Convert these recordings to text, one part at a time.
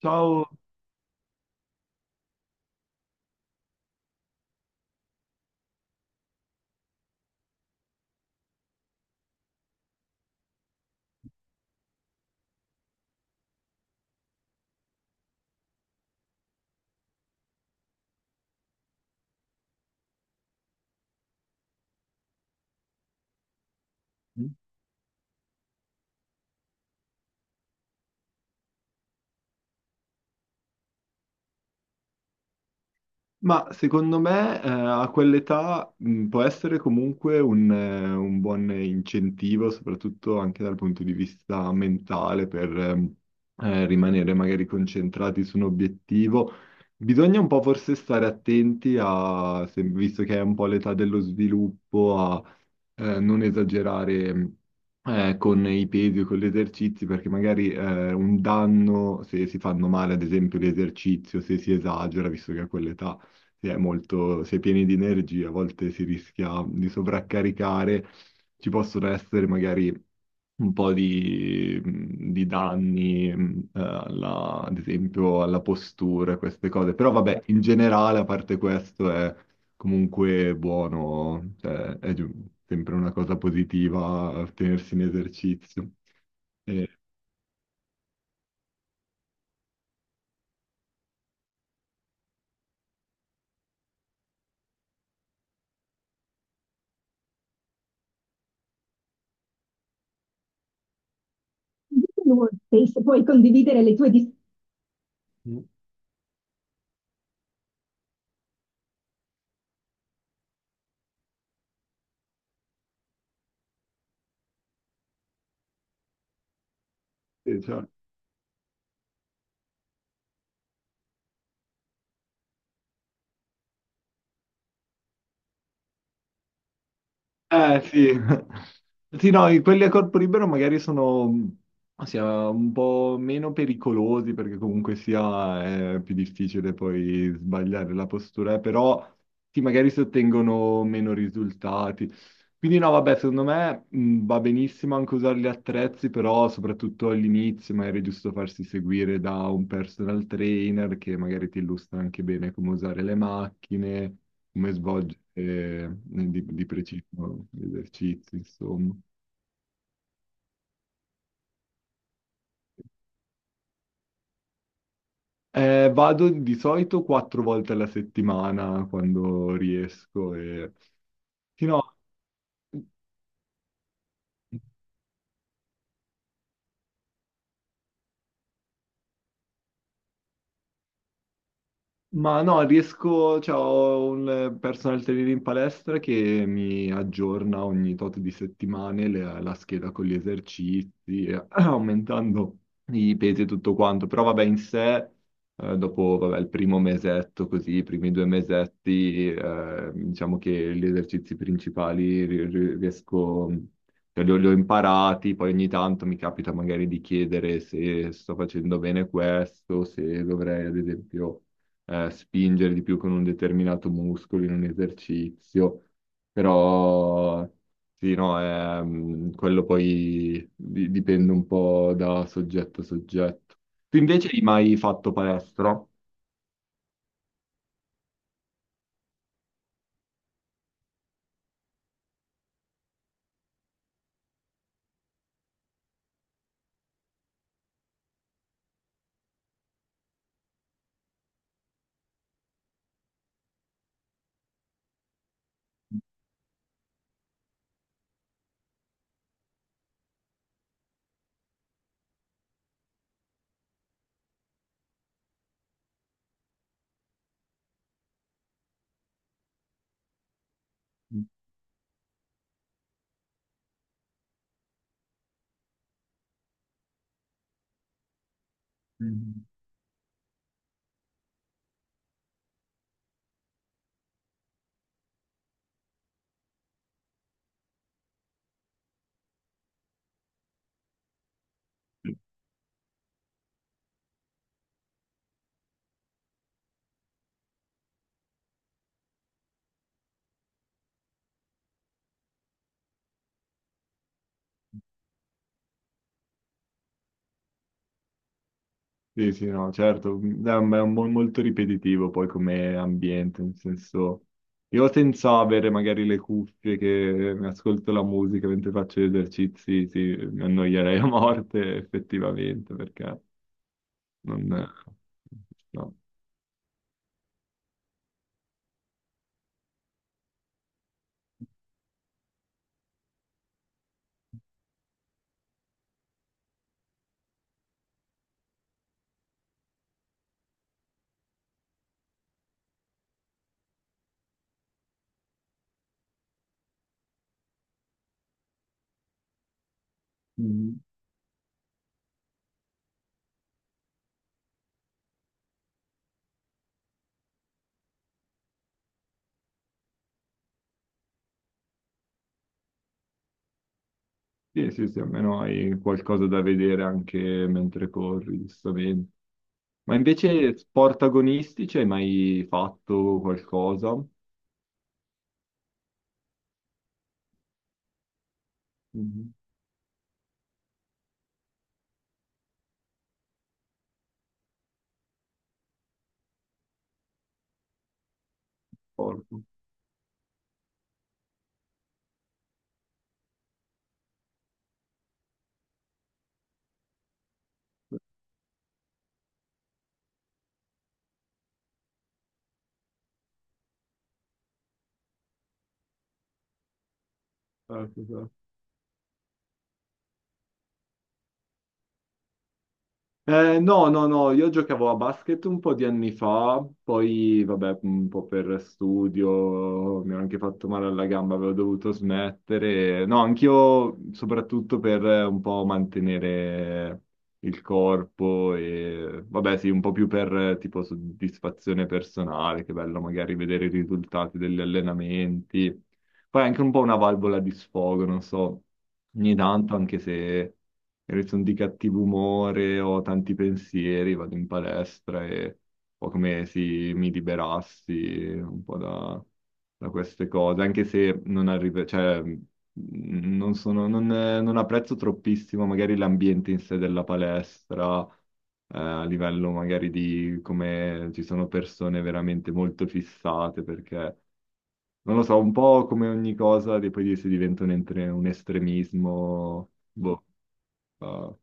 Ciao. Ma secondo me a quell'età può essere comunque un buon incentivo, soprattutto anche dal punto di vista mentale, per rimanere magari concentrati su un obiettivo. Bisogna un po' forse stare attenti a, visto che è un po' l'età dello sviluppo, a non esagerare con i pesi o con gli esercizi, perché magari un danno, se si fanno male, ad esempio, l'esercizio, se si esagera, visto che a quell'età si è molto, si è pieni di energie, a volte si rischia di sovraccaricare, ci possono essere magari un po' di, di danni, ad esempio alla postura, queste cose. Però vabbè, in generale, a parte questo, è comunque buono, cioè, sempre una cosa positiva tenersi in esercizio. E- Inoltre, se puoi condividere le tue Mm. Sì, certo. Eh sì, sì no, quelli a corpo libero magari sono sia un po' meno pericolosi perché comunque sia è più difficile poi sbagliare la postura, però sì, magari si ottengono meno risultati. Quindi no, vabbè, secondo me va benissimo anche usare gli attrezzi, però soprattutto all'inizio magari è giusto farsi seguire da un personal trainer che magari ti illustra anche bene come usare le macchine, come svolgere di preciso gli esercizi, insomma. Vado di solito quattro volte alla settimana quando riesco e... Sì, no. Ma no, riesco, cioè, ho un personal trainer in palestra che mi aggiorna ogni tot di settimane la scheda con gli esercizi, aumentando i pesi e tutto quanto. Però vabbè, in sé, dopo vabbè, il primo mesetto, così, i primi due mesetti, diciamo che gli esercizi principali riesco, cioè, li ho imparati, poi ogni tanto mi capita magari di chiedere se sto facendo bene questo, se dovrei, ad esempio spingere di più con un determinato muscolo in un esercizio, però sì, no, è, quello poi dipende un po' da soggetto a soggetto. Tu invece hai mai fatto palestra? Mhm. Sì, sì, no, certo. Mm, è un molto ripetitivo poi come ambiente, nel senso... Io senza avere magari le cuffie che mi ascolto la musica mentre faccio gli esercizi, sì, mi annoierei a morte effettivamente, perché non, no. Mm. Sì, sì, sì, almeno hai qualcosa da vedere anche mentre corri, giustamente. Ma invece sport agonistici hai mai fatto qualcosa? Mhm. Sport. Certo, certo. No, no, no, io giocavo a basket un po' di anni fa, poi vabbè, un po' per studio mi ho anche fatto male alla gamba, avevo dovuto smettere. No, anch'io soprattutto per un po' mantenere il corpo e vabbè, sì, un po' più per tipo soddisfazione personale, che bello magari vedere i risultati degli allenamenti. Poi è anche un po' una valvola di sfogo, non so, ogni tanto, anche se magari sono di cattivo umore o ho tanti pensieri, vado in palestra e un po' come se mi liberassi un po' da, da queste cose, anche se non arrivo, cioè, non sono, non apprezzo troppissimo magari l'ambiente in sé della palestra a livello magari di come ci sono persone veramente molto fissate perché non lo so, un po' come ogni cosa, di poi si diventa un estremismo, boh. Ah,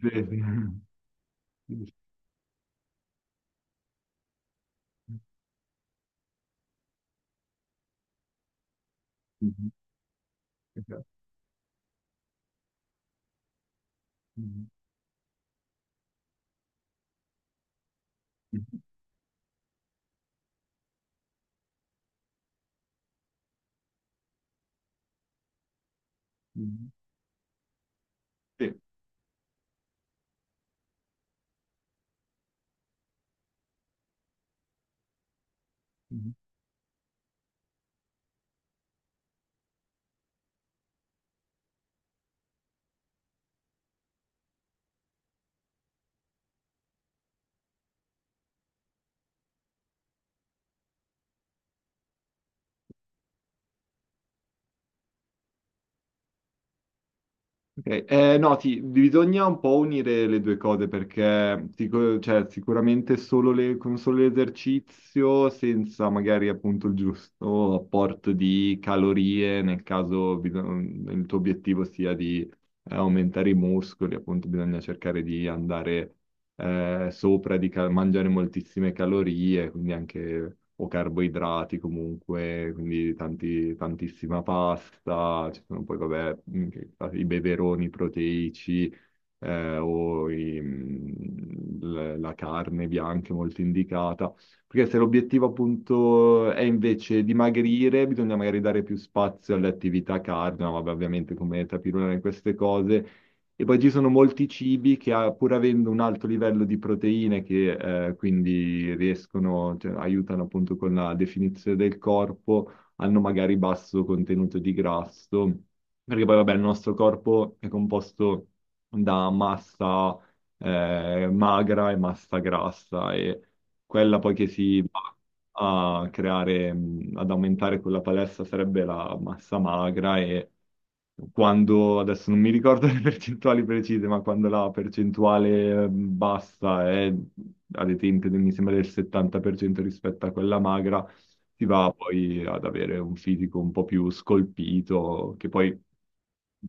sì. Sì. Ok, no, bisogna un po' unire le due cose perché cioè, sicuramente solo con solo l'esercizio, senza magari appunto il giusto apporto di calorie, nel caso il tuo obiettivo sia di aumentare i muscoli, appunto bisogna cercare di andare sopra di mangiare moltissime calorie, quindi anche o carboidrati comunque, quindi tantissima pasta, ci sono poi vabbè, i beveroni proteici la carne bianca è molto indicata, perché se l'obiettivo appunto è invece dimagrire, bisogna magari dare più spazio alle attività cardio, ma vabbè, ovviamente come tapirulare in queste cose e poi ci sono molti cibi che, ah, pur avendo un alto livello di proteine, che quindi riescono, cioè, aiutano appunto con la definizione del corpo, hanno magari basso contenuto di grasso, perché poi vabbè il nostro corpo è composto da massa magra e massa grassa e quella poi che si va a creare, ad aumentare quella palestra sarebbe la massa magra e quando, adesso non mi ricordo le percentuali precise, ma quando la percentuale bassa è, ad esempio, mi sembra del 70% rispetto a quella magra, si va poi ad avere un fisico un po' più scolpito, che poi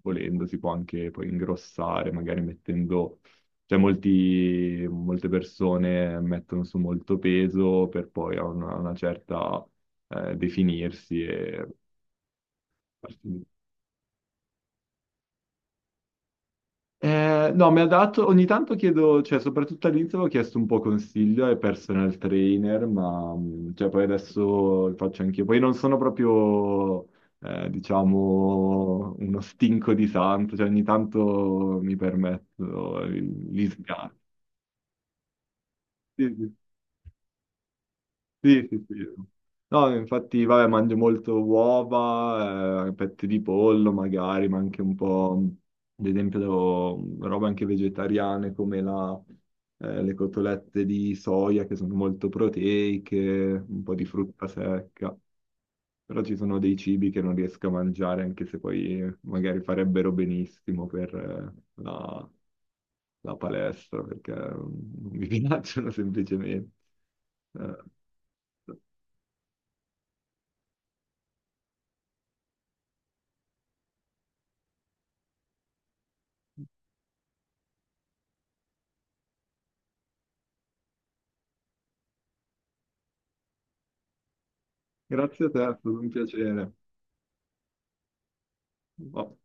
volendo si può anche poi ingrossare, magari mettendo cioè, molte persone mettono su molto peso per poi a una certa definirsi. E... no, mi ha dato, ogni tanto chiedo, cioè soprattutto all'inizio avevo chiesto un po' consiglio ai personal trainer, ma cioè, poi adesso lo faccio anch'io. Poi non sono proprio, diciamo, uno stinco di santo, cioè ogni tanto mi permetto gli sgarri. Sì, sì. Sì, sì, sì. No, infatti, vabbè, mangio molto uova, petti di pollo magari, ma anche un po', ad esempio, robe anche vegetariane come la, le cotolette di soia che sono molto proteiche, un po' di frutta secca. Però ci sono dei cibi che non riesco a mangiare, anche se poi magari farebbero benissimo per la palestra, perché mm, non mi piacciono semplicemente. Eh. Grazie a te, è stato un piacere. Oh.